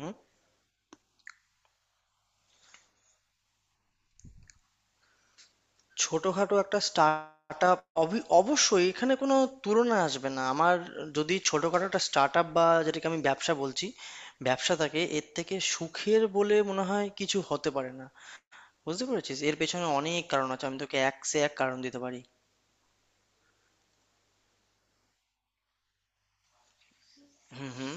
হুম, ছোটখাটো একটা স্টার্টআপ অবশ্যই এখানে কোনো তুলনা আসবে না। আমার যদি ছোটখাটো একটা স্টার্টআপ বা যেটাকে আমি ব্যবসা বলছি ব্যবসা থাকে, এর থেকে সুখের বলে মনে হয় কিছু হতে পারে না। বুঝতে পেরেছিস? এর পেছনে অনেক কারণ আছে, আমি তোকে এক সে এক কারণ দিতে পারি। হুম হুম।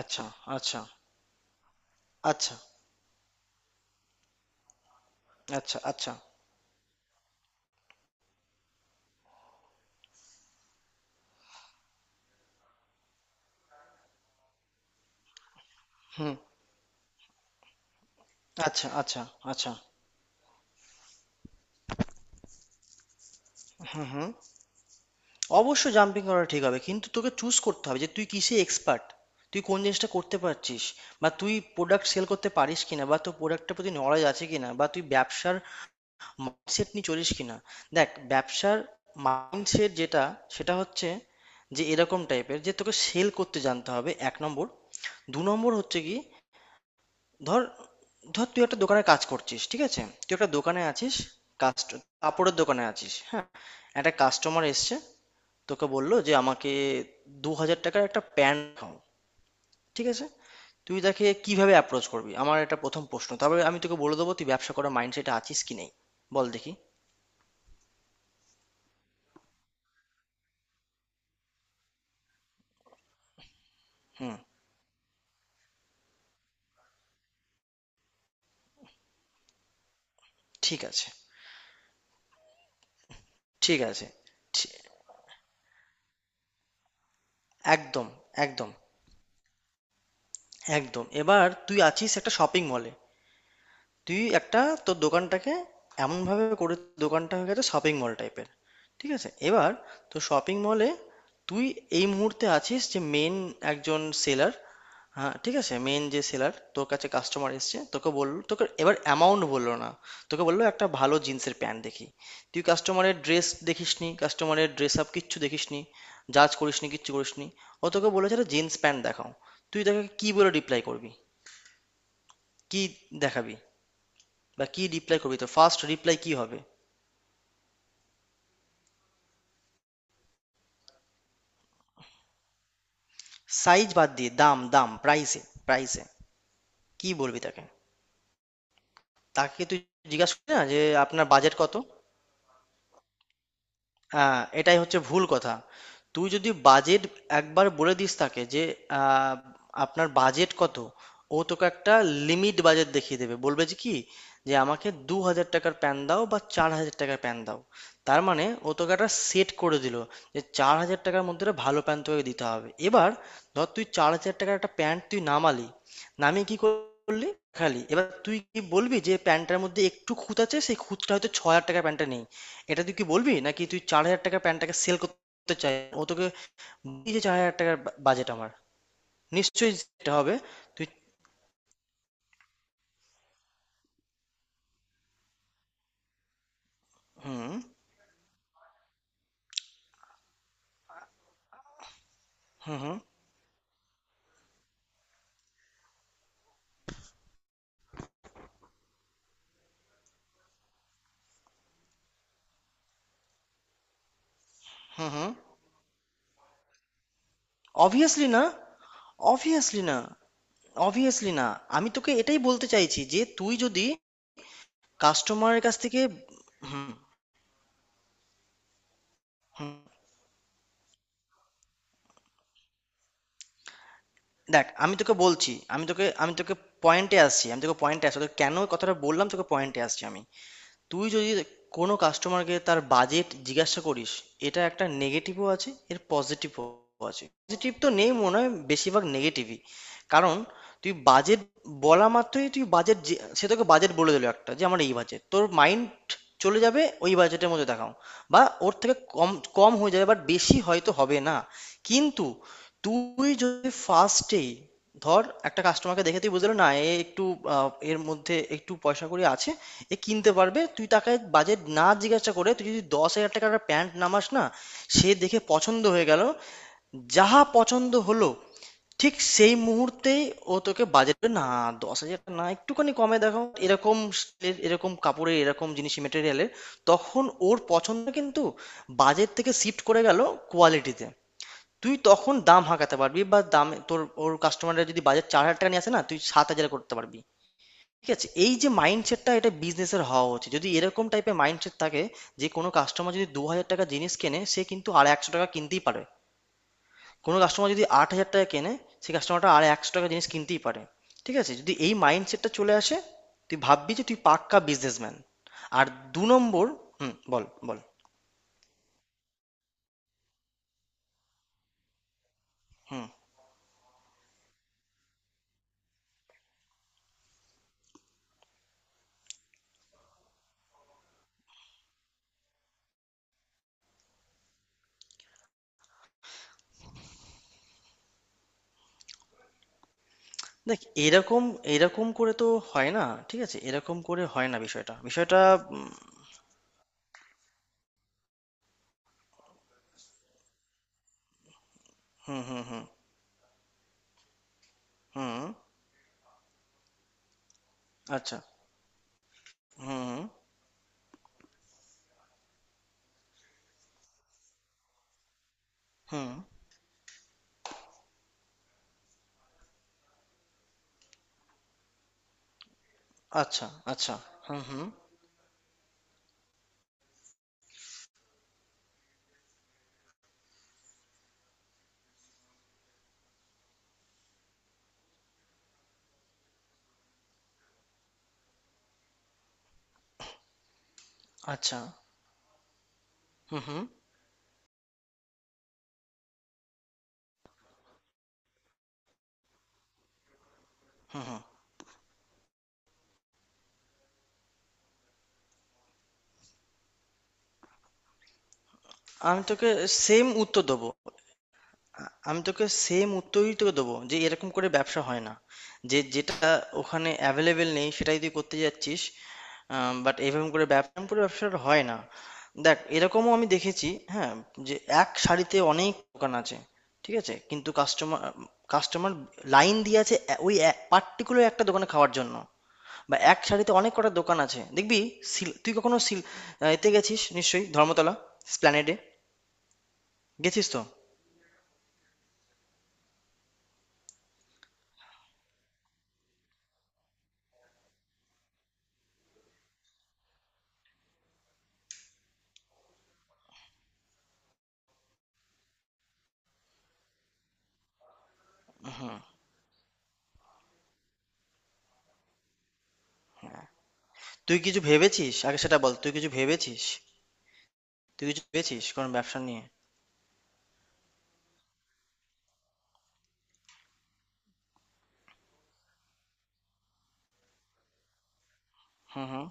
আচ্ছা আচ্ছা আচ্ছা আচ্ছা আচ্ছা। হুম। আচ্ছা আচ্ছা আচ্ছা। হুম হুম। অবশ্যই জাম্পিং করা ঠিক হবে, কিন্তু তোকে চুজ করতে হবে যে তুই কিসে এক্সপার্ট, তুই কোন জিনিসটা করতে পারছিস, বা তুই প্রোডাক্ট সেল করতে পারিস কিনা, বা তোর প্রোডাক্টের প্রতি নলেজ আছে কিনা, বা তুই ব্যবসার মাইন্ডসেট নিয়ে চলিস কিনা। দেখ, ব্যবসার মাইন্ডসেট যেটা, সেটা হচ্ছে যে এরকম টাইপের, যে তোকে সেল করতে জানতে হবে, এক নম্বর। দু নম্বর হচ্ছে কি, ধর ধর তুই একটা দোকানে কাজ করছিস, ঠিক আছে, তুই একটা দোকানে আছিস। কাস্ট কাপড়ের দোকানে আছিস, হ্যাঁ। একটা কাস্টমার এসছে, তোকে বললো যে আমাকে 2,000 টাকার একটা প্যান্ট দেখাও, ঠিক আছে। তুই তাকে কিভাবে অ্যাপ্রোচ করবি, আমার এটা প্রথম প্রশ্ন। তারপরে আমি তোকে বলে দেবো তুই ব্যবসা করার মাইন্ডসেটে আছিস কি নেই। বল দেখি। হুম। ঠিক আছে, ঠিক আছে। ঠি- একদম, একদম, একদম। এবার তুই আছিস একটা শপিং মলে। তুই একটা তোর দোকানটাকে এমনভাবে করে দোকানটা হয়ে গেছে শপিং মল টাইপের, ঠিক আছে। এবার তো শপিং মলে তুই এই মুহূর্তে আছিস, যে মেন একজন সেলার। হ্যাঁ ঠিক আছে, মেন যে সেলার, তোর কাছে কাস্টমার এসছে, তোকে বললো, তোকে এবার অ্যামাউন্ট বললো না, তোকে বললো একটা ভালো জিন্সের প্যান্ট দেখি। তুই কাস্টমারের ড্রেস দেখিসনি, কাস্টমারের ড্রেস আপ কিচ্ছু দেখিসনি, জাজ করিসনি, কিচ্ছু করিসনি। ও তোকে বলেছে একটা জিন্স প্যান্ট দেখাও। তুই তাকে কি বলে রিপ্লাই করবি? কি দেখাবি বা কি রিপ্লাই করবি? তো ফার্স্ট রিপ্লাই কি হবে? সাইজ বাদ দিয়ে দাম, প্রাইসে, প্রাইসে কি বলবি তাকে? তুই জিজ্ঞাসা করবি না যে আপনার বাজেট কত। হ্যাঁ, এটাই হচ্ছে ভুল কথা। তুই যদি বাজেট একবার বলে দিস তাকে যে আহ, আপনার বাজেট কত, ও তোকে একটা লিমিট বাজেট দেখিয়ে দেবে, বলবে যে কি, যে আমাকে দু হাজার টাকার প্যান দাও বা 4,000 টাকার প্যান দাও। তার মানে ও তোকে একটা সেট করে দিল, যে চার হাজার টাকার মধ্যে একটা ভালো প্যান্ট তোকে দিতে হবে। এবার ধর তুই চার হাজার টাকার একটা প্যান্ট তুই নামালি, নামিয়ে কি করলি? খালি এবার তুই কি বলবি যে প্যান্টটার মধ্যে একটু খুঁত আছে, সেই খুঁতটা হয়তো 6,000 টাকার প্যান্টটা নেই? এটা তুই কি বলবি, নাকি তুই চার হাজার টাকার প্যান্টটাকে সেল করতে চাই? ও তোকে বললি যে চার হাজার টাকার বাজেট আমার, নিশ্চয়ই সেটা হবে। তুই। হুম হুম হুম হুম হুম। অবভিয়াসলি না, অবভিয়াসলি না, অবভিয়াসলি না। আমি তোকে এটাই বলতে চাইছি যে তুই যদি কাস্টমারের কাছ থেকে। হুম হুম। দেখ আমি তোকে বলছি, আমি তোকে পয়েন্টে আসছি, আমি তোকে পয়েন্টে আসছি, তোকে কেন এই কথাটা বললাম, তোকে পয়েন্টে আসছি আমি। তুই যদি কোনো কাস্টমারকে তার বাজেট জিজ্ঞাসা করিস, এটা একটা নেগেটিভও আছে, এর পজিটিভও আছে। পজিটিভ তো নেই মনে হয়, বেশিরভাগ নেগেটিভই। কারণ তুই বাজেট বলা মাত্রই, তুই বাজেট, সে তোকে বাজেট বলে দিল একটা যে আমার এই বাজেট, তোর মাইন্ড চলে যাবে ওই বাজেটের মধ্যে দেখাও বা ওর থেকে কম, কম হয়ে যাবে, বাট বেশি হয়তো হবে না। কিন্তু তুই যদি ফার্স্টেই ধর একটা কাস্টমারকে দেখে তুই বুঝলো না এ একটু, এর মধ্যে একটু পয়সা কড়ি আছে, এ কিনতে পারবে, তুই তাকে বাজেট না জিজ্ঞাসা করে তুই যদি 10,000 টাকার একটা প্যান্ট নামাস না, সে দেখে পছন্দ হয়ে গেল, যাহা পছন্দ হলো, ঠিক সেই মুহূর্তেই ও তোকে বাজেটে না, 10,000 টা না, একটুখানি কমে দেখো এরকম স্টিলের এরকম কাপড়ের এরকম জিনিস মেটেরিয়ালের, তখন ওর পছন্দ কিন্তু বাজেট থেকে শিফট করে গেল কোয়ালিটিতে। তুই তখন দাম হাঁকাতে পারবি, বা দাম তোর, ওর কাস্টমাররা যদি বাজেট 4,000 টাকা নিয়ে আসে না, তুই 7,000 করতে পারবি, ঠিক আছে। এই যে মাইন্ডসেটটা, এটা বিজনেসের হওয়া উচিত। যদি এরকম টাইপের মাইন্ডসেট থাকে, যে কোনো কাস্টমার যদি দু হাজার টাকা জিনিস কেনে, সে কিন্তু আর একশো টাকা কিনতেই পারে। কোনো কাস্টমার যদি 8,000 টাকায় কেনে, সেই কাস্টমারটা আর একশো টাকা জিনিস কিনতেই পারে। ঠিক আছে, যদি এই মাইন্ডসেটটা চলে আসে, তুই ভাববি যে তুই পাক্কা বিজনেসম্যান। আর দু নম্বর। হুম বল বল। হুম। দেখ এরকম, এরকম করে তো হয় না। ঠিক আছে, এরকম করে হয় না। বিষয়টা, উম, হুম হুম হুম হুম। আচ্ছা। হুম হুম হুম। আচ্ছা আচ্ছা। হুম হুম। আচ্ছা। হুম হুম হুম হুম। আমি তোকে সেম উত্তর দেবো। আমি তোকে সেম উত্তরই তোকে দেবো যে এরকম করে ব্যবসা হয় না। যে যেটা ওখানে অ্যাভেলেবেল নেই, সেটাই তুই করতে যাচ্ছিস। বাট এরকম করে ব্যবসা, এরকম করে ব্যবসাটা হয় না। দেখ, এরকমও আমি দেখেছি, হ্যাঁ, যে এক শাড়িতে অনেক দোকান আছে, ঠিক আছে, কিন্তু কাস্টমার, কাস্টমার লাইন দিয়ে আছে ওই পার্টিকুলার একটা দোকানে খাওয়ার জন্য। বা এক শাড়িতে অনেক কটা দোকান আছে দেখবি। তুই কখনো সিল, এতে গেছিস? নিশ্চয়ই ধর্মতলা স্প্ল্যানেডে গেছিস তো? তুই কিছু ভেবেছিস? আগে সেটা বল। তুই কিছু ভেবেছিস? তুই কিছু ভেবেছিস কোনো ব্যবসা নিয়ে? হুম হুম।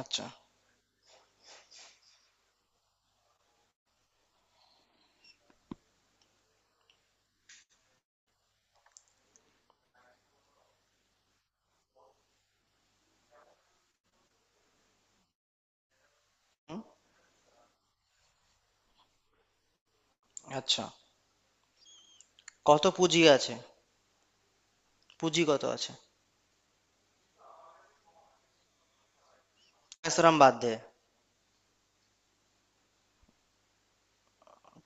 আচ্ছা। হুম। আচ্ছা। কত পুঁজি আছে? পুঁজি কত আছে? রামেশ্বরম বাদ দে।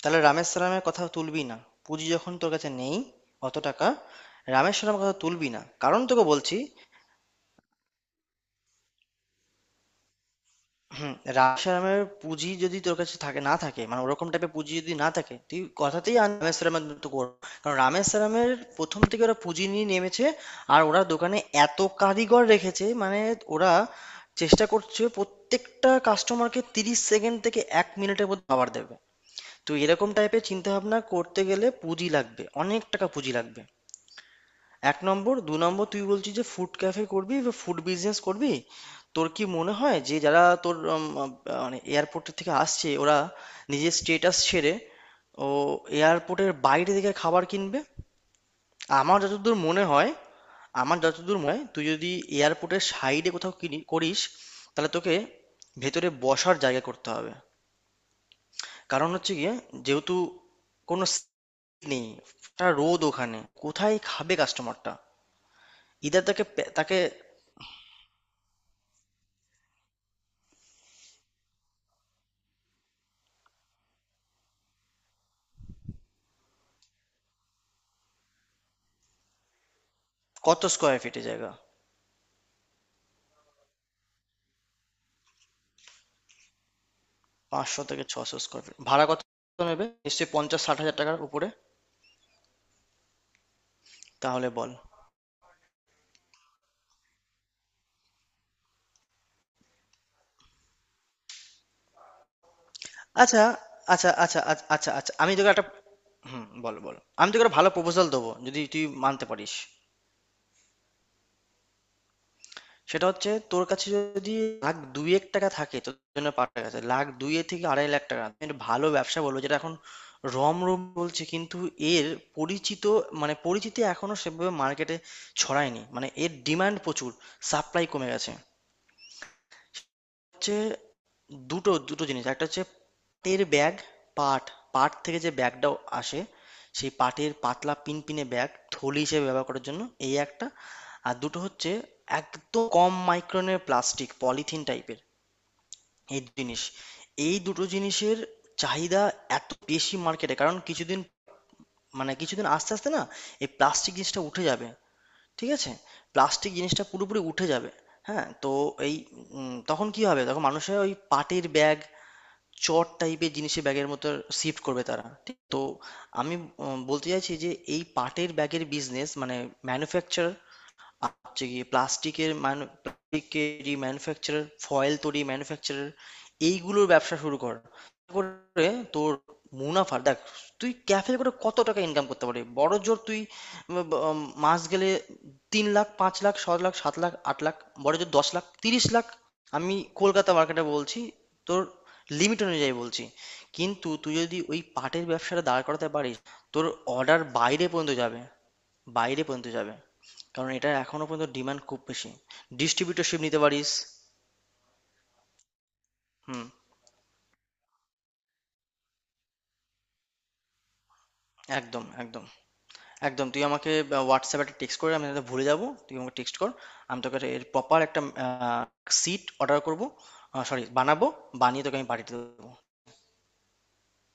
তাহলে রামেশ্বরমের কথা তুলবি না। পুঁজি যখন তোর কাছে নেই অত টাকা। রামেশ্বরমের কথা তুলবি না, কারণ তোকে বলছি। হুম। রামেশ্বরমের পুঁজি যদি তোর কাছে থাকে, না থাকে মানে ওরকম টাইপের পুঁজি যদি না থাকে, তুই কথাতেই আন রামেশ্বরমের মতো করবো। কারণ রামেশ্বরমের প্রথম থেকে ওরা পুঁজি নিয়ে নেমেছে, আর ওরা দোকানে এত কারিগর রেখেছে মানে ওরা চেষ্টা করছে প্রত্যেকটা কাস্টমারকে 30 সেকেন্ড থেকে এক মিনিটের মধ্যে খাবার দেবে। তো এরকম টাইপের চিন্তা ভাবনা করতে গেলে পুঁজি লাগবে, অনেক টাকা পুঁজি লাগবে। এক নম্বর। দু নম্বর, তুই বলছিস যে ফুড ক্যাফে করবি বা ফুড বিজনেস করবি। তোর কি মনে হয় যে যারা তোর, মানে এয়ারপোর্ট থেকে আসছে, ওরা নিজের স্টেটাস ছেড়ে ও এয়ারপোর্টের বাইরে থেকে খাবার কিনবে? আমার যতদূর মনে হয়, আমার যতদূর মনে হয় তুই যদি এয়ারপোর্টের সাইডে কোথাও কিনি করিস, তাহলে তোকে ভেতরে বসার জায়গা করতে হবে। কারণ হচ্ছে গিয়ে, যেহেতু কোনো seat নেই, একটা রোদ ওখানে, কোথায় খাবে কাস্টমারটা? ইদার তাকে তাকে। কত স্কোয়ার ফিটে জায়গা? 500 থেকে 600 স্কোয়ার ফিট? ভাড়া কত নেবে? নিশ্চয়ই 50-60 হাজার টাকার উপরে। তাহলে বল। আচ্ছা আচ্ছা আচ্ছা আচ্ছা আচ্ছা আচ্ছা, আমি তোকে একটা। হুম বল বল, আমি তোকে একটা ভালো প্রপোজাল দেবো যদি তুই মানতে পারিস। সেটা হচ্ছে, তোর কাছে যদি লাখ দুয়েক টাকা থাকে, তোর জন্য পাঠার কাছে লাখ দুয়ে থেকে 2.5 লাখ টাকা, তুমি একটা ভালো ব্যবসা বলবো যেটা এখন রমরম বলছে, কিন্তু এর পরিচিত, মানে পরিচিতি এখনো সেভাবে মার্কেটে ছড়ায়নি, মানে এর ডিমান্ড প্রচুর, সাপ্লাই কমে গেছে। হচ্ছে দুটো, দুটো জিনিস। একটা হচ্ছে পাটের ব্যাগ, পাট, পাট থেকে যে ব্যাগটা আসে, সেই পাটের পাতলা পিনপিনে ব্যাগ, থলি হিসেবে ব্যবহার করার জন্য, এই একটা। আর দুটো হচ্ছে একদম কম মাইক্রনের প্লাস্টিক পলিথিন টাইপের। এই দু জিনিস, এই দুটো জিনিসের চাহিদা এত বেশি মার্কেটে। কারণ কিছুদিন, মানে আস্তে আস্তে না এই প্লাস্টিক জিনিসটা উঠে যাবে, ঠিক আছে। প্লাস্টিক জিনিসটা পুরোপুরি উঠে যাবে, হ্যাঁ। তো এই তখন কি হবে? তখন মানুষের ওই পাটের ব্যাগ, চট টাইপের জিনিসে, ব্যাগের মতো শিফট করবে তারা, ঠিক তো? আমি বলতে চাইছি যে এই পাটের ব্যাগের বিজনেস মানে ম্যানুফ্যাকচার, হচ্ছে গিয়ে প্লাস্টিকের মান, প্লাস্টিকের যে ম্যানুফ্যাকচারার, ফয়েল তৈরি ম্যানুফ্যাকচারার, এইগুলোর ব্যবসা শুরু কর, করে তোর মুনাফা দেখ। তুই ক্যাফে করে কত টাকা ইনকাম করতে পারবি? বড় জোর তুই উম, ব- উম, মাস গেলে তিন লাখ, পাঁচ লাখ, ছ লাখ, সাত লাখ, আট লাখ, বড় জোর দশ লাখ, 30 লাখ। আমি কলকাতা মার্কেটে বলছি, তোর লিমিট অনুযায়ী বলছি। কিন্তু তুই যদি ওই পাটের ব্যবসাটা দাঁড় করাতে পারিস, তোর অর্ডার বাইরে পর্যন্ত যাবে, বাইরে পর্যন্ত যাবে। কারণ এটার এখনো পর্যন্ত ডিমান্ড খুব বেশি। ডিস্ট্রিবিউটরশিপ নিতে পারিস। হুম। একদম, একদম, একদম। তুই আমাকে হোয়াটসঅ্যাপে একটা টেক্সট করে, আমি এটা ভুলে যাবো, তুই আমাকে টেক্সট কর। আমি তোকে এর প্রপার একটা সিট অর্ডার করবো, সরি বানাবো, বানিয়ে তোকে আমি পাঠিয়ে দেবো।